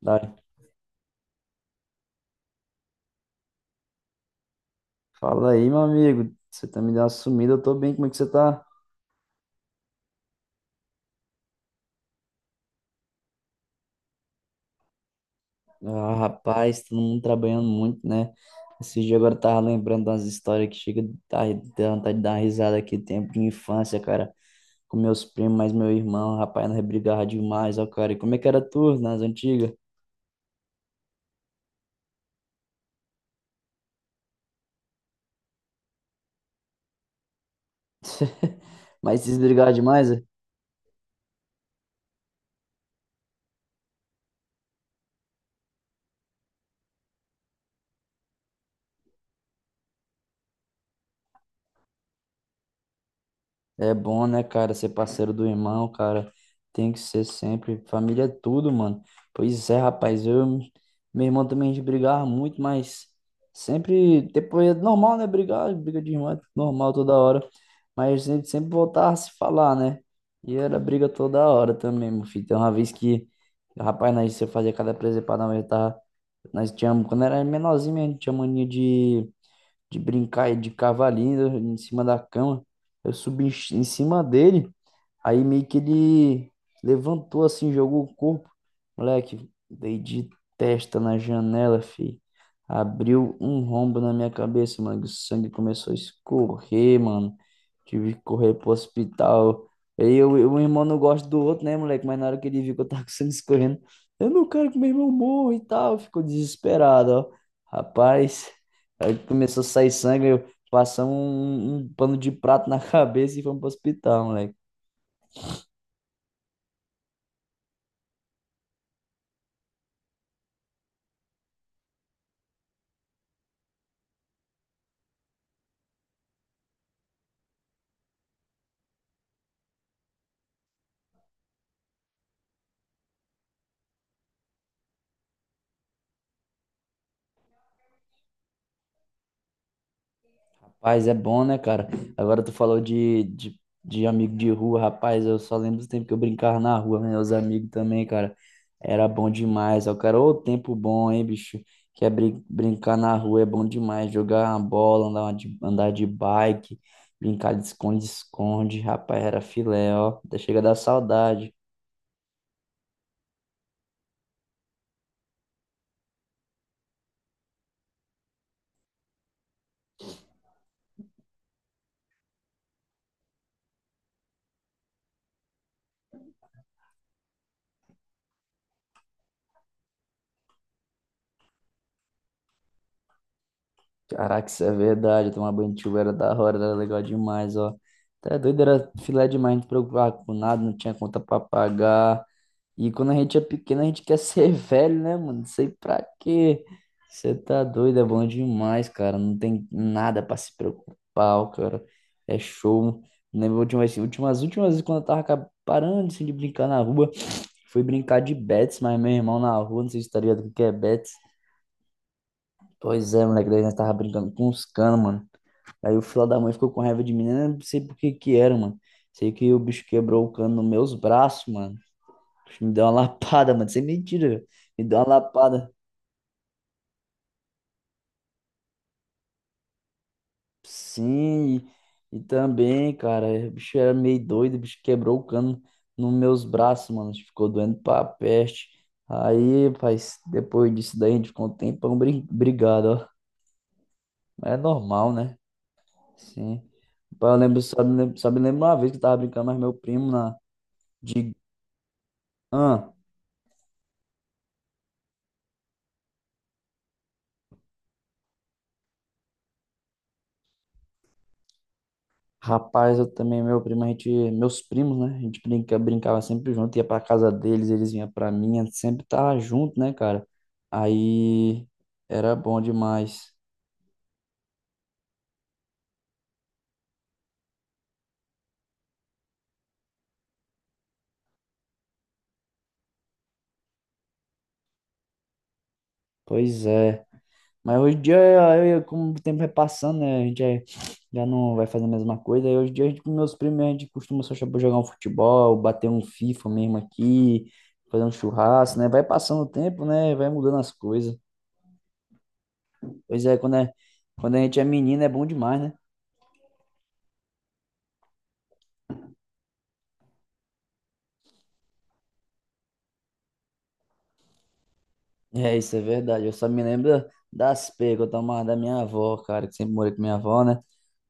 Dai, fala aí, meu amigo. Você tá me dando uma sumida, eu tô bem, como é que você tá? Ah, rapaz, todo mundo trabalhando muito, né? Esse dia agora eu tava lembrando das histórias que chega a dar dá vontade de dar uma risada aqui, tempo de infância, cara, com meus primos, mas meu irmão, rapaz, nós brigava demais, ó, cara. E como é que era tu nas antigas? Mas vocês brigavam demais? É bom, né, cara, ser parceiro do irmão, cara. Tem que ser sempre. Família é tudo, mano. Pois é, rapaz. Eu, meu irmão também a gente brigava muito, mas sempre. Depois é normal, né? Brigar, briga de irmão é normal toda hora. Mas a gente sempre voltava a se falar, né? E era briga toda hora também, meu filho. Tem uma vez que, rapaz, nós você fazia cada presepada, nós tava. Nós tínhamos, quando era menorzinho, a gente tinha mania de brincar de cavalinho em cima da cama. Eu subi em cima dele. Aí meio que ele levantou assim, jogou o corpo. Moleque, dei de testa na janela, fi. Abriu um rombo na minha cabeça, mano. O sangue começou a escorrer, mano. Tive que correr pro hospital. Aí eu, o irmão não gosta do outro, né, moleque? Mas na hora que ele viu que eu tava com sangue escorrendo, eu não quero que meu irmão morra e tal. Ficou desesperado, ó. Rapaz, aí começou a sair sangue. Eu passamos um pano de prato na cabeça e fomos pro hospital, moleque. Rapaz, é bom, né, cara? Agora tu falou de amigo de rua, rapaz, eu só lembro do tempo que eu brincava na rua, meus amigos também, cara. Era bom demais, ó, cara, ô tempo bom, hein, bicho? Que é brincar na rua é bom demais, jogar uma bola, andar de bike, brincar de esconde-esconde, rapaz, era filé, ó, até chega a dar saudade. Caraca, isso é verdade, tomar banho de chuva era da hora, era legal demais, ó. Tá doido, era filé demais, não te preocupava com nada, não tinha conta pra pagar. E quando a gente é pequeno, a gente quer ser velho, né, mano? Não sei pra quê. Você tá doido, é bom demais, cara. Não tem nada pra se preocupar, cara. É show. Lembro últimas vezes quando eu tava parando assim, de brincar na rua. Fui brincar de bets, mas meu irmão na rua, não sei se tá ligado o que que é bets. Pois é, moleque, daí nós tava brincando com os canos, mano. Aí o filho da mãe ficou com raiva de mim, né? Não sei por que que era, mano. Sei que o bicho quebrou o cano nos meus braços, mano. Me deu uma lapada, mano. Sem mentira, velho. Me deu uma lapada. Sim. E também, cara, o bicho era meio doido. O bicho quebrou o cano nos meus braços, mano. Ficou doendo pra peste. Aí, pai, depois disso daí, a gente ficou um tempão brigado, ó. É normal, né? Sim. Pai, eu lembro, só me lembro uma vez que eu tava brincando mais meu primo na... De... Hã? Rapaz, eu também, meu primo, a gente, meus primos, né? A gente brincava sempre junto, ia pra casa deles, eles vinham pra mim, a gente sempre tava junto, né, cara? Aí era bom demais. Pois é. Mas hoje em dia, eu, como o tempo vai passando, né? Já não vai fazer a mesma coisa. Aí hoje em dia, a gente, com meus primos, a gente costuma só jogar um futebol, bater um FIFA mesmo aqui, fazer um churrasco, né? Vai passando o tempo, né? Vai mudando as coisas. Pois é, quando a gente é menino, é bom demais, né? É, isso é verdade. Eu só me lembro das pegas que eu tomava da minha avó, cara, que sempre morei com minha avó, né?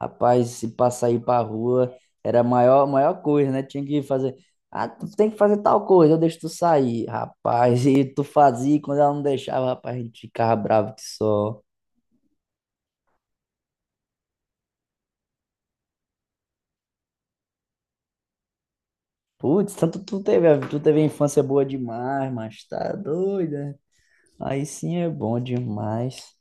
Rapaz, se passar aí pra rua, era a maior coisa, né? Tinha que fazer. Ah, tu tem que fazer tal coisa, eu deixo tu sair. Rapaz, e tu fazia, e quando ela não deixava, rapaz, a gente ficava bravo que só. Putz, tanto tu teve a infância boa demais, mas tá doida. Aí sim é bom demais.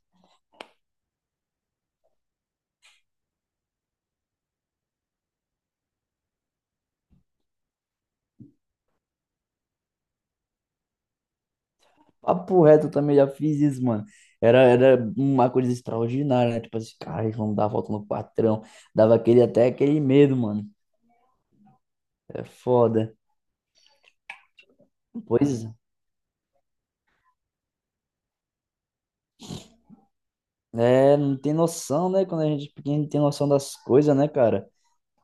Papo reto, eu também já fiz isso, mano. Era uma coisa extraordinária, né? Tipo assim, cara, vamos dar a volta no patrão. Dava aquele, até aquele medo, mano. É foda. Pois é, não tem noção, né? Quando a gente é pequeno, não tem noção das coisas, né, cara?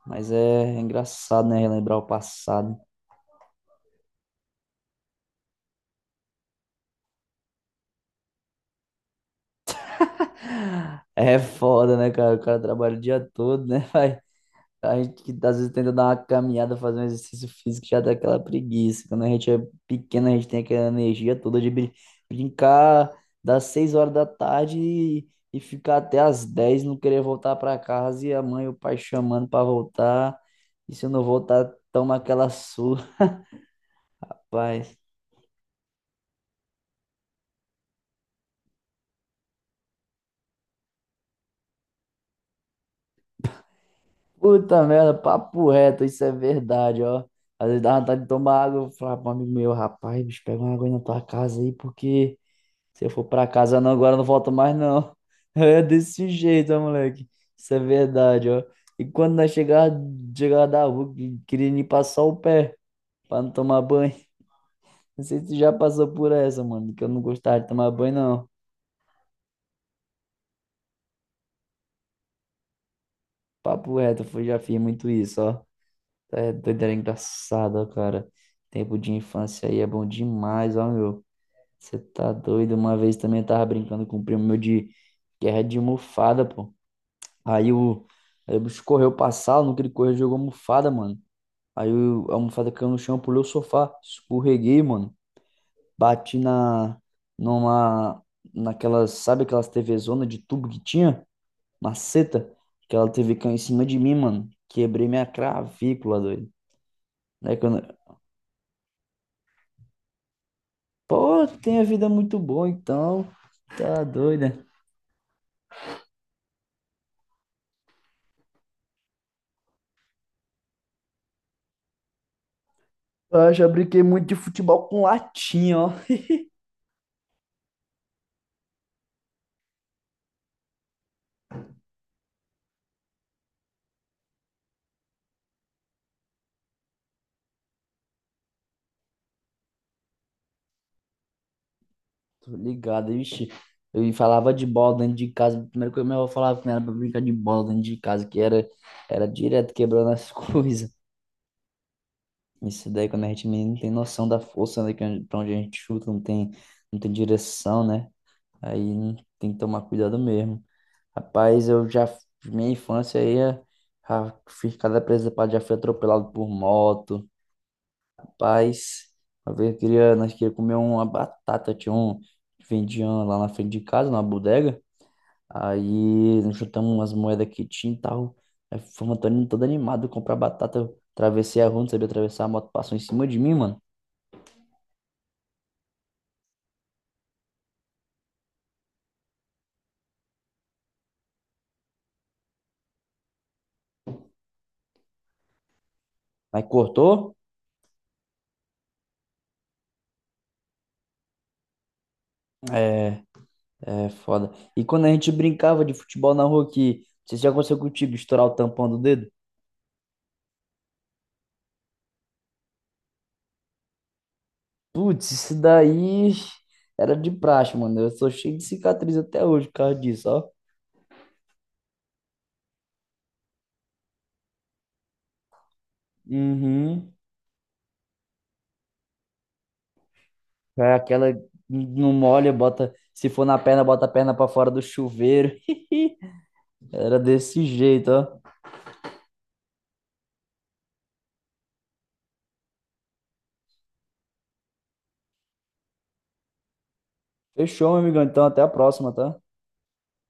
Mas é engraçado, né? Relembrar o passado. É foda, né, cara? O cara trabalha o dia todo, né? A gente que às vezes tenta dar uma caminhada, fazer um exercício físico, já dá aquela preguiça. Quando a gente é pequeno, a gente tem aquela energia toda de brincar das 6 horas da tarde e ficar até as 10, não querer voltar para casa e a mãe e o pai chamando para voltar. E se eu não voltar, toma aquela surra, rapaz. Puta merda, papo reto, isso é verdade, ó. Às vezes dá vontade de tomar água, eu falava pro amigo meu, rapaz, bicho, pega uma água aí na tua casa aí, porque. Se eu for pra casa não, agora eu não volto mais não. É desse jeito, ó, moleque. Isso é verdade, ó. E quando nós chegava da rua, queria nem passar o pé pra não tomar banho. Não sei se tu já passou por essa, mano, que eu não gostava de tomar banho, não. Papo reto, já fiz muito isso, ó. Tá, é doido, era engraçado, ó, cara. Tempo de infância aí é bom demais, ó, meu. Você tá doido? Uma vez também eu tava brincando com o primo meu de guerra de almofada, pô. Aí o, aí o bicho correu pra sala, no que ele correu, jogou a almofada, mano. A almofada caiu no chão, pulei o sofá, escorreguei, mano. Bati na, numa, naquelas, sabe aquelas TV zona de tubo que tinha? Maceta. Aquela TV caiu em cima de mim, mano. Quebrei minha cravícula, doido. Aí quando... Pô, tem a vida muito boa, então. Tá doida. Eu já brinquei muito de futebol com latinha, ó. Tô ligado, vixe. Eu falava de bola dentro de casa. Primeiro que eu meu avô falava que não era pra brincar de bola dentro de casa, era direto quebrando as coisas. Isso daí, quando a gente é menino, não tem noção da força, né? Que pra onde a gente chuta, não tem direção, né? Aí tem que tomar cuidado mesmo. Rapaz, eu já, minha infância aí, é, já fiz cada presa pra já fui atropelado por moto. Rapaz, uma vez nós queríamos comer uma batata, tinha um, vendiam lá na frente de casa, numa bodega. Aí nós chutamos umas moedas que tinha e tal. Aí fomos todo animado comprar batata. Eu atravessei a rua, não sabia atravessar, a moto passou em cima de mim, mano. Aí cortou. É, é foda. E quando a gente brincava de futebol na rua aqui, não sei se já aconteceu contigo, estourar o tampão do dedo. Putz, isso daí era de praxe, mano. Eu sou cheio de cicatriz até hoje por causa disso, ó. Uhum. É aquela não molha, bota. Se for na perna, bota a perna pra fora do chuveiro. Era desse jeito, ó. Fechou, meu amigão. Então, até a próxima, tá?